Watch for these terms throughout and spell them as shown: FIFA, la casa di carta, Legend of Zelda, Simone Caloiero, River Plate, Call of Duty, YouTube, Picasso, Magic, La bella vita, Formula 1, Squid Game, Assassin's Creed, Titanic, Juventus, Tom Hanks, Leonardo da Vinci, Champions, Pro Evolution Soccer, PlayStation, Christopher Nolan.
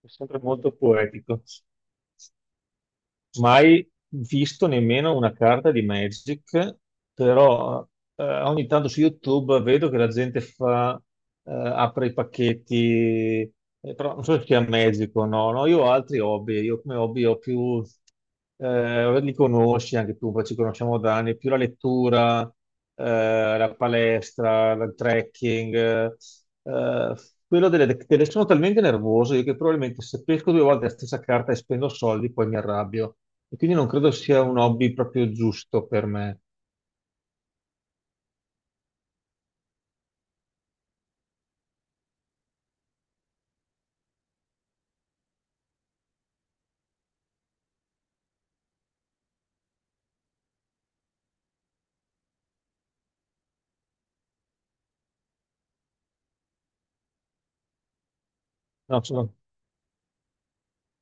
È sempre molto poetico. Mai visto nemmeno una carta di Magic, però ogni tanto su YouTube vedo che la gente fa, apre i pacchetti. Però non so se sia Magic o no. No, io ho altri hobby, io come hobby ho più... li conosci anche tu, poi ci conosciamo da anni: più la lettura, la palestra, il trekking. Eh, Quello sono talmente nervoso io che probabilmente se pesco due volte la stessa carta e spendo soldi, poi mi arrabbio, e quindi non credo sia un hobby proprio giusto per me. No, sono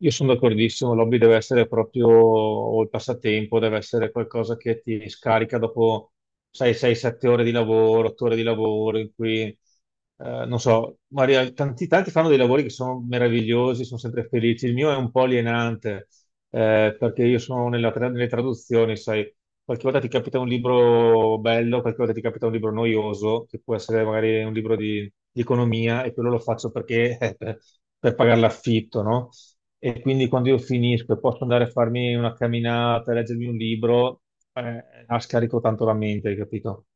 Io sono d'accordissimo, l'hobby deve essere proprio, o il passatempo deve essere qualcosa che ti scarica dopo 6-7 ore di lavoro, 8 ore di lavoro, in cui, non so, Maria, tanti fanno dei lavori che sono meravigliosi, sono sempre felici. Il mio è un po' alienante, perché io sono nella nelle traduzioni, sai, qualche volta ti capita un libro bello, qualche volta ti capita un libro noioso, che può essere magari un libro di economia, e quello lo faccio perché... per pagare l'affitto, no? E quindi quando io finisco e posso andare a farmi una camminata, leggermi un libro, la scarico tanto la mente, hai capito?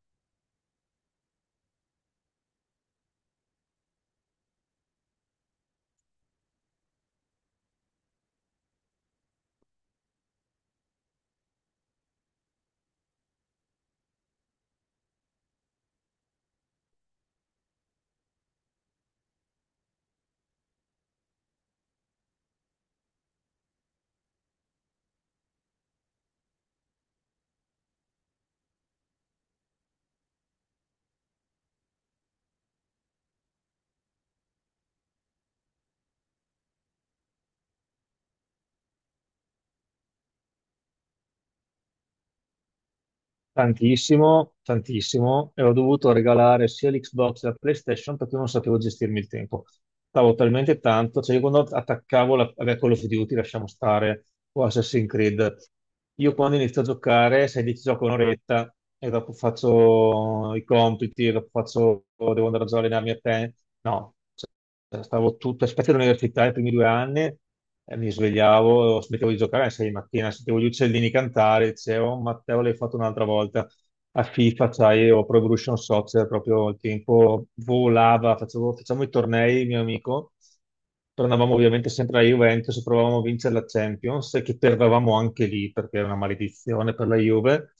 Tantissimo, tantissimo, e ho dovuto regalare sia l'Xbox che la PlayStation perché non sapevo gestirmi il tempo. Stavo talmente tanto, cioè io quando attaccavo la, vabbè, Call of Duty, lasciamo stare, o Assassin's Creed, io quando inizio a giocare, sai, dici gioco un'oretta e dopo faccio i compiti, devo andare già a allenarmi a te. No, cioè, stavo tutto, specie all'università i primi due anni, e mi svegliavo, smettevo di giocare alle 6 di mattina, sentivo gli uccellini cantare, dicevo, "Oh, Matteo l'hai fatto un'altra volta a FIFA", sai, o Pro Evolution Soccer, proprio il tempo volava, facevo, facciamo i tornei, mio amico, tornavamo ovviamente sempre alla Juventus, provavamo a vincere la Champions, e che perdevamo anche lì, perché era una maledizione per la Juve,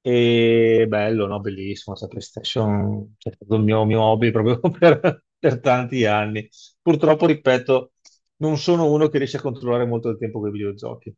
e bello, no? Bellissimo, la PlayStation, cioè, è stato il mio, mio hobby proprio per tanti anni. Purtroppo, ripeto, non sono uno che riesce a controllare molto il tempo con i videogiochi.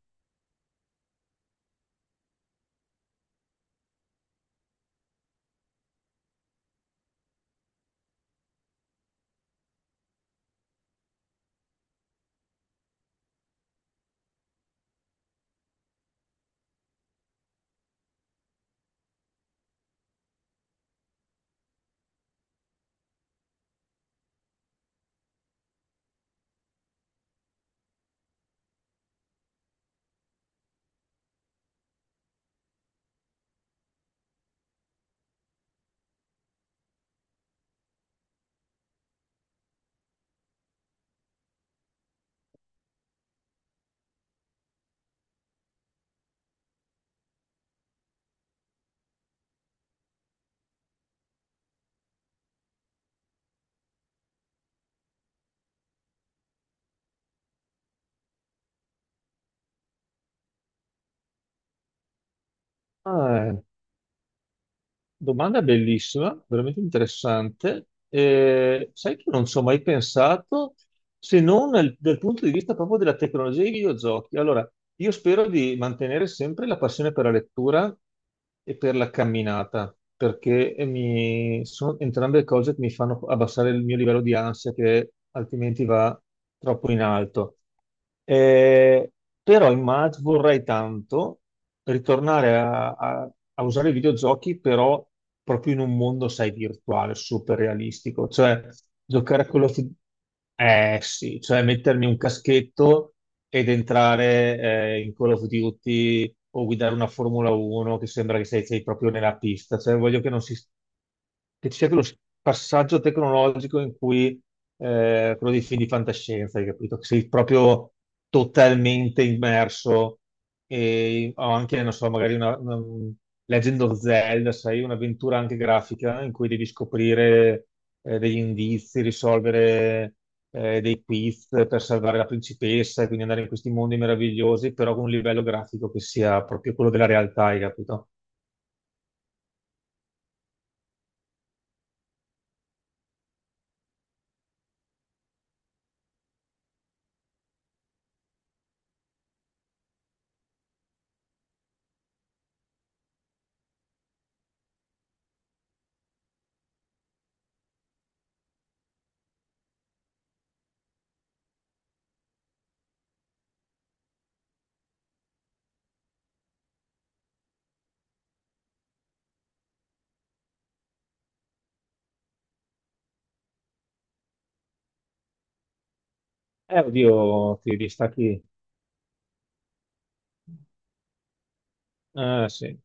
Ah, domanda bellissima, veramente interessante. Sai che non ci ho mai pensato se non dal punto di vista proprio della tecnologia e dei videogiochi. Allora, io spero di mantenere sempre la passione per la lettura e per la camminata, perché sono entrambe cose che mi fanno abbassare il mio livello di ansia, che altrimenti va troppo in alto. Eh, Però vorrei tanto ritornare a usare i videogiochi, però proprio in un mondo, sai, virtuale, super realistico. Cioè, giocare a quello... Eh sì, cioè mettermi un caschetto ed entrare in Call of Duty o guidare una Formula 1 che sembra che sei proprio nella pista. Cioè, voglio che non si... che ci sia quello passaggio tecnologico in cui quello dei film di fantascienza, hai capito? Che sei proprio totalmente immerso, e ho anche, non so, magari una Legend of Zelda, sai, un'avventura anche grafica in cui devi scoprire degli indizi, risolvere dei quiz per salvare la principessa e quindi andare in questi mondi meravigliosi, però con un livello grafico che sia proprio quello della realtà, hai capito? Oddio, ti distacchi. Sì,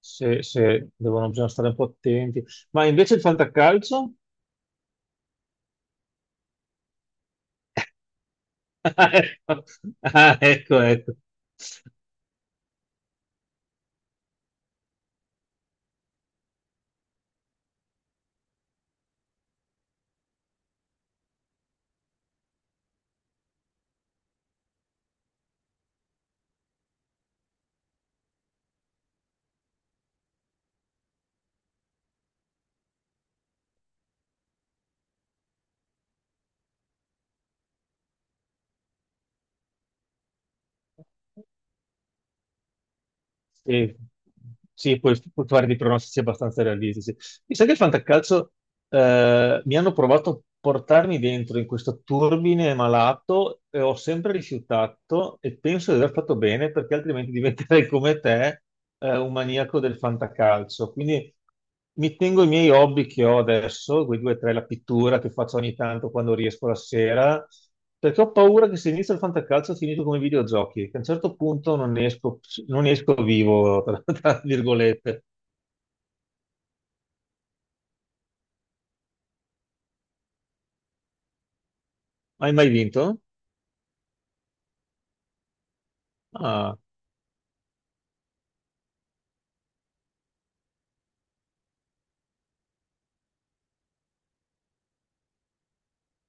se devono, bisogna stare un po' attenti. Ma invece il fantacalcio? Ah, ecco, ecco. E sì, puoi fare dei pronostici abbastanza realistici. Mi sa che il fantacalcio mi hanno provato a portarmi dentro in questo turbine malato e ho sempre rifiutato e penso di aver fatto bene perché altrimenti diventerei come te, un maniaco del fantacalcio. Quindi mi tengo i miei hobby che ho adesso, quei due o tre, la pittura che faccio ogni tanto quando riesco la sera, perché ho paura che se inizio il fantacalcio finisco come i videogiochi, che a un certo punto non ne esco, non ne esco vivo, tra virgolette. Hai mai vinto? Ah.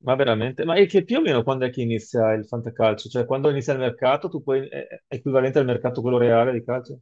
Ma veramente? Ma è che più o meno quando è che inizia il fantacalcio? Cioè quando inizia il mercato, tu puoi... è equivalente al mercato quello reale di calcio?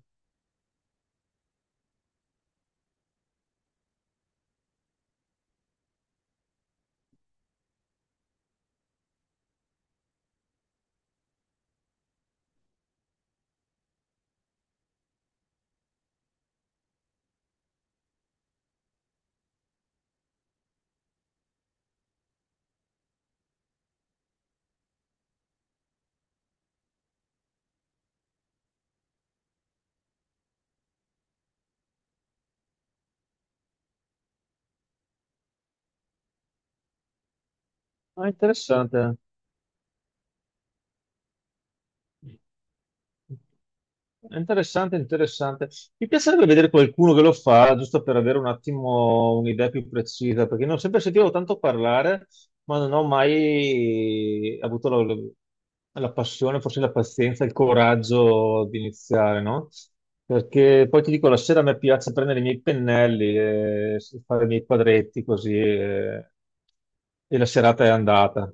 Ah, interessante. Interessante, interessante. Mi piacerebbe vedere qualcuno che lo fa, giusto per avere un attimo un'idea più precisa, perché non ho sempre sentivo tanto parlare, ma non ho mai avuto la, la passione, forse la pazienza, il coraggio di iniziare, no? Perché poi ti dico, la sera a me piace prendere i miei pennelli, e fare i miei quadretti così, e la serata è andata.